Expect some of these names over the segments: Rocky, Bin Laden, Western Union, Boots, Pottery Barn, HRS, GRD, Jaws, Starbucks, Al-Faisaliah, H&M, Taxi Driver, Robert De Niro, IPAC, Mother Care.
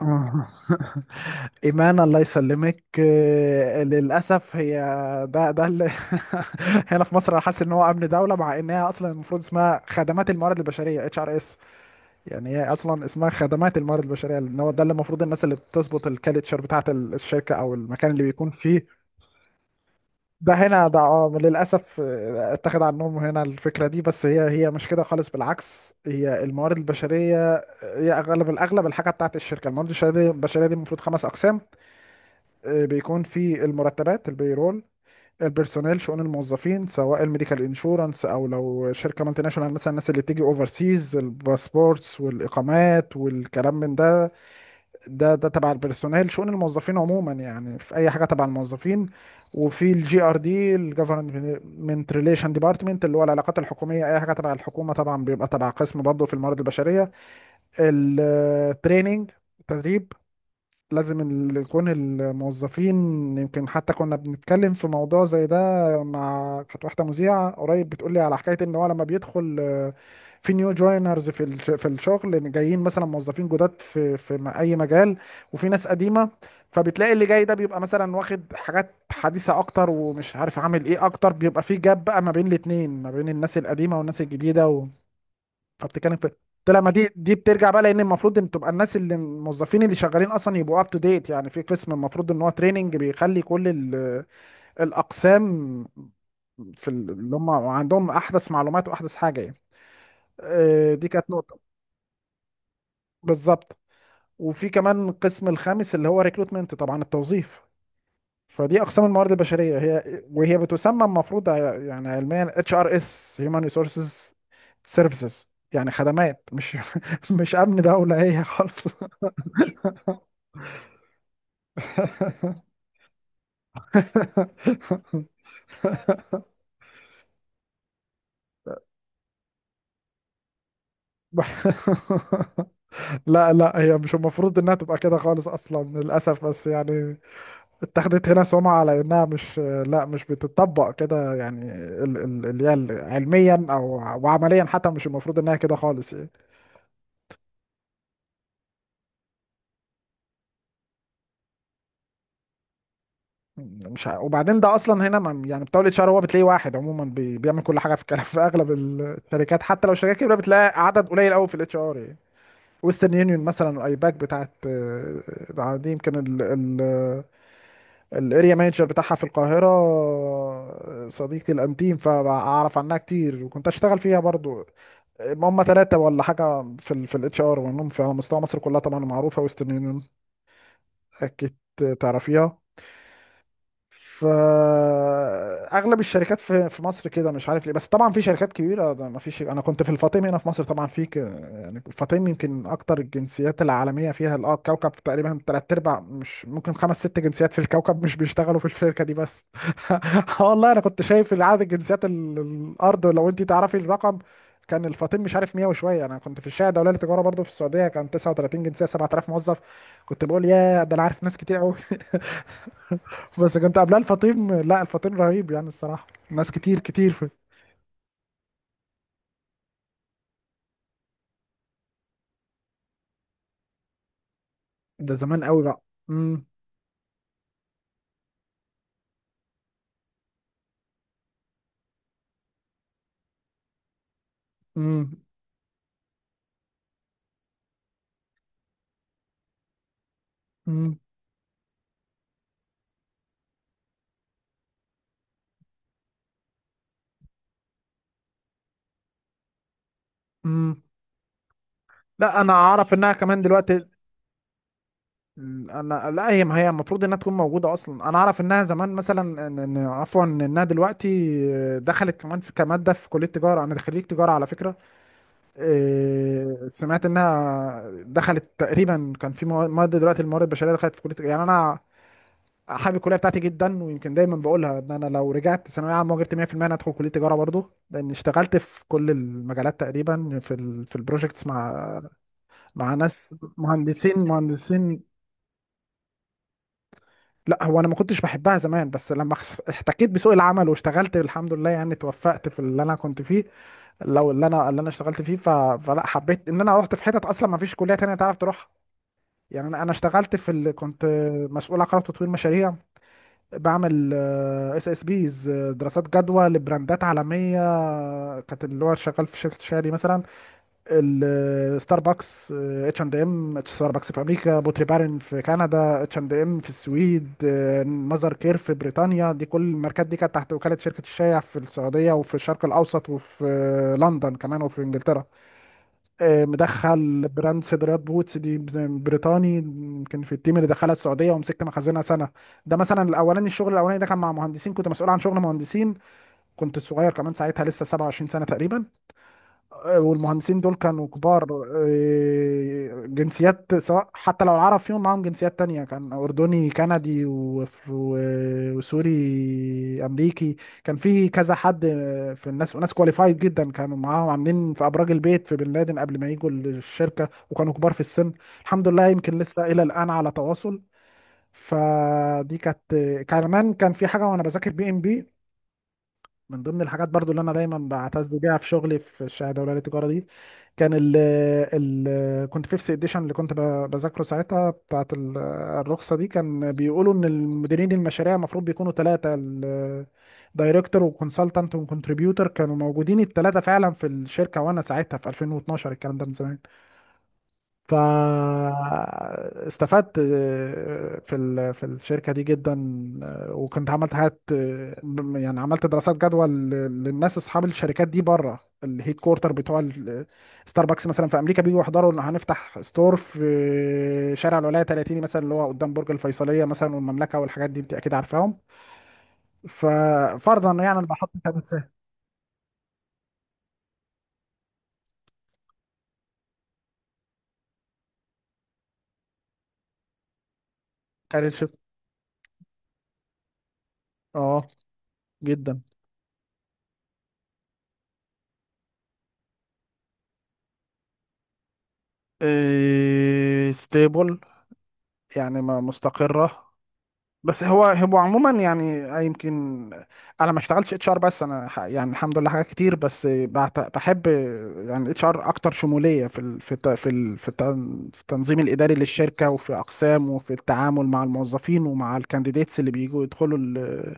آه. إيمان الله يسلمك للأسف هي. ده اللي. هنا في مصر أنا حاسس إن هو أمن دولة، مع إنها أصلا المفروض اسمها خدمات الموارد البشرية، اتش ار اس. يعني هي أصلا اسمها خدمات الموارد البشرية، لأن هو ده اللي المفروض الناس اللي بتظبط الكالتشر بتاعة الشركة أو المكان اللي بيكون فيه. ده هنا ده، للأسف اتخذ عنهم هنا الفكرة دي، بس هي مش كده خالص، بالعكس، هي الموارد البشرية. هي أغلب الأغلب الحاجة بتاعة الشركة الموارد البشرية دي، البشرية دي المفروض خمس أقسام. بيكون في المرتبات، البيرول، البيرسونيل، شؤون الموظفين، سواء الميديكال انشورنس، او لو شركه مالتي ناشونال مثلا الناس اللي بتيجي اوفر سيز، الباسبورتس والاقامات والكلام من ده. ده تبع البيرسونيل، شؤون الموظفين عموما. يعني في اي حاجه تبع الموظفين. وفي الجي ار دي، الجفرمنت ريليشن ديبارتمنت، اللي هو العلاقات الحكوميه، اي حاجه تبع الحكومه طبعا بيبقى تبع قسم برضه في الموارد البشريه. التريننج، تدريب، لازم يكون الموظفين. يمكن حتى كنا بنتكلم في موضوع زي ده مع كانت واحده مذيعه قريب، بتقول لي على حكايه ان هو لما بيدخل في نيو جوينرز في في الشغل، إن جايين مثلا موظفين جداد في اي مجال، وفي ناس قديمه. فبتلاقي اللي جاي ده بيبقى مثلا واخد حاجات حديثه اكتر، ومش عارف عامل ايه اكتر، بيبقى في جاب بقى ما بين الاتنين، ما بين الناس القديمه والناس الجديده. بتتكلم في. طلع ما دي بترجع بقى، لان المفروض ان تبقى الناس اللي الموظفين اللي شغالين اصلا يبقوا اب تو ديت. يعني في قسم المفروض ان هو تريننج بيخلي كل الاقسام في اللي هم عندهم احدث معلومات واحدث حاجه يعني. دي كانت نقطه. بالظبط. وفي كمان القسم الخامس اللي هو ريكروتمنت، طبعا التوظيف. فدي اقسام الموارد البشريه، هي وهي بتسمى المفروض يعني علميا اتش ار اس، هيومن ريسورسز سيرفيسز. يعني خدمات، مش مش امن دوله هي خالص. لا، هي مش المفروض انها تبقى كده خالص اصلا، للاسف، بس يعني اتخذت هنا سمعة على انها مش. لا، مش بتطبق كده. يعني اللي هي علميا او وعمليا حتى، مش المفروض انها كده خالص يعني. مش وبعدين ده اصلا هنا يعني بتولد شهر، هو بتلاقيه واحد عموما بيعمل كل حاجه في في اغلب الشركات. حتى لو الشركات كبيره، بتلاقي عدد قليل قوي في الاتش ار يعني. ويسترن يونيون مثلا، ايباك بتاعت دي يمكن الاريا مانجر بتاعها في القاهره صديقي الانتيم، فاعرف عنها كتير، وكنت اشتغل فيها برضو. هم ثلاثه ولا حاجه في في الاتش ار، وانهم في على مستوى مصر كلها. طبعا معروفه ويسترن يونيون، اكيد تعرفيها. فاغلب الشركات في مصر كده، مش عارف ليه. بس طبعا في شركات كبيره ده ما فيش. انا كنت في الفاطمي هنا في مصر، طبعا في يعني الفاطمي يمكن اكتر الجنسيات العالميه فيها اه الكوكب تقريبا. تلات ارباع مش ممكن، خمس ست جنسيات في الكوكب مش بيشتغلوا في الشركه دي بس. آه والله، انا كنت شايف عدد الجنسيات الارض، لو انت تعرفي الرقم. كان الفاطمي مش عارف 100 وشويه. انا كنت في الشارع الدوليه للتجاره برضو في السعوديه، كان 39 جنسيه، 7000 موظف. كنت بقول يا ده انا عارف ناس كتير قوي. بس كنت قبلها الفطيم، لا الفطيم رهيب يعني الصراحة، ناس كتير كتير في. ده زمان قوي بقى. امم امم امم امم لا، انا اعرف انها كمان دلوقتي. انا، لا، هي ما هي المفروض انها تكون موجودة اصلا. انا اعرف انها زمان مثلا عفوا، انها دلوقتي دخلت كمان في، كمادة في كلية تجارة. انا خريج تجارة على فكرة. سمعت انها دخلت تقريبا، كان في مواد، دلوقتي الموارد البشرية دخلت في كلية تجارة. يعني انا حابب الكليه بتاعتي جدا، ويمكن دايما بقولها ان انا لو رجعت ثانويه عامه وجبت 100%، انا هدخل كليه تجاره برضه، لان اشتغلت في كل المجالات تقريبا. في البروجكتس مع مع ناس مهندسين، مهندسين. لا هو انا ما كنتش بحبها زمان، بس لما احتكيت بسوق العمل واشتغلت الحمد لله، يعني توفقت في اللي انا كنت فيه. لو اللي انا اشتغلت فيه ف... فلا، حبيت ان انا رحت في حتت اصلا ما فيش كليه تانية تعرف تروحها. يعني انا اشتغلت في ال... كنت مسؤول عن قرار تطوير مشاريع. بعمل اس اس بيز، دراسات جدوى لبراندات عالميه كانت اللي هو شغال في شركه شادي مثلا، ستاربكس، اتش اند ام، ستاربكس في امريكا، بوتري بارن في كندا، اتش اند ام في السويد، ماذر كير في بريطانيا. دي كل الماركات دي كانت تحت وكاله شركه الشايع في السعوديه وفي الشرق الاوسط، وفي لندن كمان، وفي انجلترا. مدخل براند صدريات، بوتس دي زي بريطاني، يمكن في التيم اللي دخلها السعوديه ومسكت مخازنها سنه. ده مثلا الاولاني، الشغل الاولاني ده كان مع مهندسين، كنت مسؤول عن شغل مهندسين، كنت صغير كمان ساعتها، لسه 27 سنه تقريبا، والمهندسين دول كانوا كبار. جنسيات، سواء حتى لو العرب فيهم، معاهم جنسيات تانية، كان أردني، كندي، وسوري، أمريكي. كان في كذا حد في الناس، وناس كواليفايد جدا كانوا معاهم، عاملين في أبراج البيت في بن لادن قبل ما يجوا الشركة، وكانوا كبار في السن. الحمد لله، يمكن لسه إلى الآن على تواصل. فدي كانت. كمان كان في حاجة، وأنا بذاكر بي إم بي، من ضمن الحاجات برضو اللي انا دايما بعتز بيها في شغلي في الشهاده الاولى للتجاره دي. كان ال كنت فيفث اديشن اللي كنت بذاكره ساعتها بتاعت الرخصه دي. كان بيقولوا ان المديرين المشاريع المفروض بيكونوا ثلاثه، دايركتور وكونسلتنت وكونتريبيوتور، كانوا موجودين الثلاثه فعلا في الشركه. وانا ساعتها في 2012، الكلام ده من زمان. فاستفدت في في الشركة دي جدا. وكنت عملت حاجات، يعني عملت دراسات جدوى للناس اصحاب الشركات دي بره، الهيد كورتر بتوع ستاربكس مثلا في امريكا، بييجوا يحضروا ان هنفتح ستور في شارع الولاية 30 مثلا، اللي هو قدام برج الفيصلية مثلا والمملكة والحاجات دي، انت اكيد عارفاهم. ففرضا يعني انا بحط ثابت سهم. كارير شيفت. اه. جدا. إيه ستيبل، يعني مستقرة. بس هو هو عموما يعني يمكن انا ما اشتغلتش اتش ار، بس انا يعني الحمد لله حاجات كتير بس بحب. يعني اتش ار اكتر شموليه في ال في الت- في ال في التن- في التنظيم الاداري للشركه، وفي اقسام، وفي التعامل مع الموظفين ومع الكانديديتس اللي بيجوا يدخلوا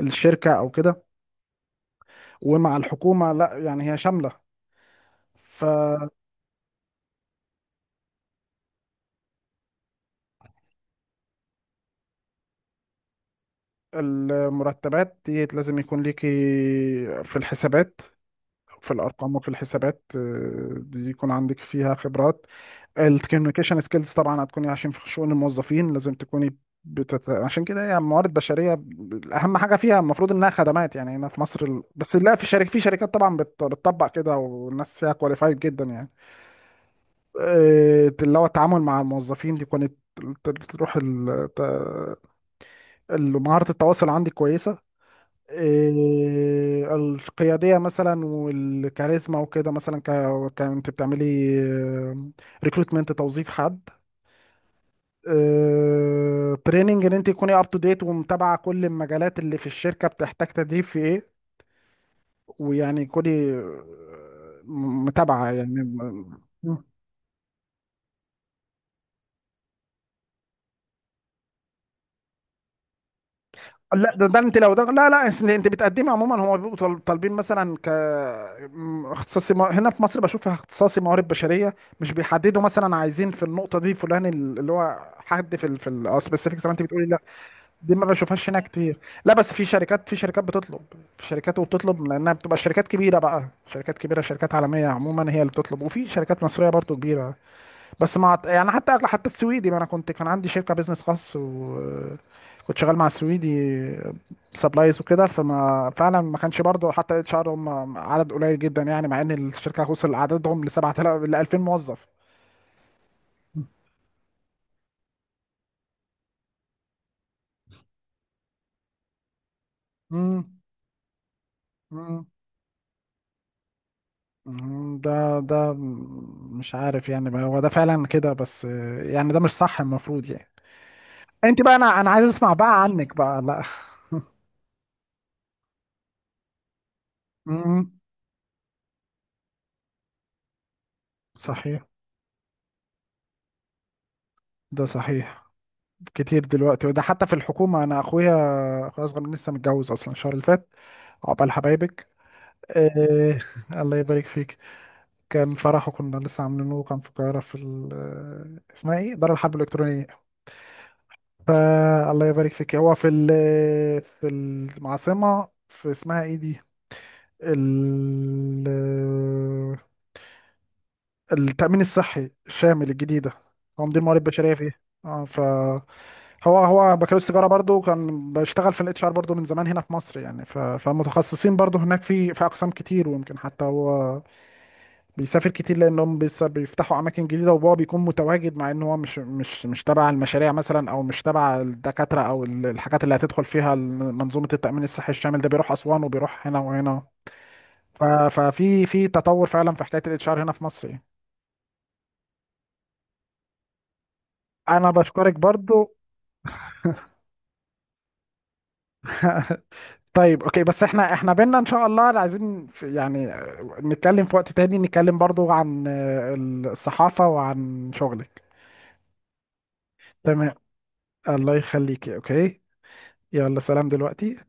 الشركه او كده، ومع الحكومه. لا يعني هي شامله. فالمرتبات دي لازم يكون ليكي في الحسابات، في الارقام وفي الحسابات دي يكون عندك فيها خبرات. الكوميونيكيشن سكيلز طبعا هتكوني، عشان في شؤون الموظفين لازم تكوني بتت... عشان كده يعني موارد بشريه، اهم حاجه فيها المفروض انها خدمات. يعني هنا في مصر ال... بس لا، في شركات، في شركات طبعا بت... بتطبق كده، والناس فيها كواليفايد جدا يعني. اللي هو التعامل مع الموظفين، دي كانت تروح ال... ت... مهاره التواصل عندي كويسه. القياديه مثلا، والكاريزما وكده مثلا، ك... كنت بتعملي ريكروتمنت، توظيف حد، تريننج ان انت تكوني اب تو ديت، ومتابعه كل المجالات اللي في الشركه بتحتاج تدريب في ايه. ويعني كوني متابعه يعني لا ده، ده انت لو ده، لا، انت بتقدمي عموما هم بيبقوا طالبين مثلا ك اختصاصي هنا في مصر بشوف اختصاصي موارد بشريه، مش بيحددوا مثلا عايزين في النقطه دي فلان اللي هو حد في السبيسيفيك زي ما انت بتقولي. دي ما بشوفهاش هنا كتير. لا بس في شركات بتطلب، في شركات وبتطلب، لانها بتبقى شركات كبيره بقى، شركات عالميه عموما هي اللي بتطلب، وفي شركات مصريه برضو كبيره. بس مع يعني حتى السويدي، ما انا كنت كان عندي شركه بيزنس خاص، وكنت شغال مع السويدي سبلايز وكده. فما فعلا ما كانش برضو، حتى اتش ار هم عدد قليل جدا. يعني مع ان الشركه وصل عددهم ل 7000، ل 2000 موظف. امم. ده مش عارف يعني. ما هو ده فعلا كده، بس يعني ده مش صح، المفروض يعني. انت بقى، انا عايز اسمع بقى عنك بقى. لا. امم. صحيح. ده صحيح. كتير دلوقتي. وده حتى في الحكومة، انا اخويا، اخويا اصغر مني لسه متجوز اصلا الشهر اللي فات. عقبال حبايبك. إيه. الله يبارك فيك. كان فرحه، كنا لسه عاملينه، كان في القاهرة في اسمها ايه، دار الحرب الإلكترونية. فالله يبارك فيك. هو في العاصمة، في اسمها ايه دي، ال... التأمين الصحي الشامل الجديد ده. تنظيم موارد بشرية فيه، اه. فهو هو بكالوريوس تجارة برضو، كان بشتغل في الاتش ار برضو من زمان هنا في مصر. يعني ف... فمتخصصين برضو، هناك في أقسام كتير. ويمكن حتى هو بيسافر كتير، لأنهم بيفتحوا أماكن جديدة، وهو بيكون متواجد، مع إن هو مش تبع المشاريع مثلا، أو مش تبع الدكاترة، أو الحاجات اللي هتدخل فيها منظومة التأمين الصحي الشامل ده، بيروح أسوان وبيروح هنا وهنا. ف- ففي في تطور فعلا في حكايه الاتش ار هنا في مصر يعني. انا بشكرك برضو. طيب اوكي، بس احنا بينا ان شاء الله عايزين في، يعني نتكلم في وقت تاني، نتكلم برضو عن الصحافه وعن شغلك. تمام. الله يخليكي، اوكي. يلا، سلام دلوقتي.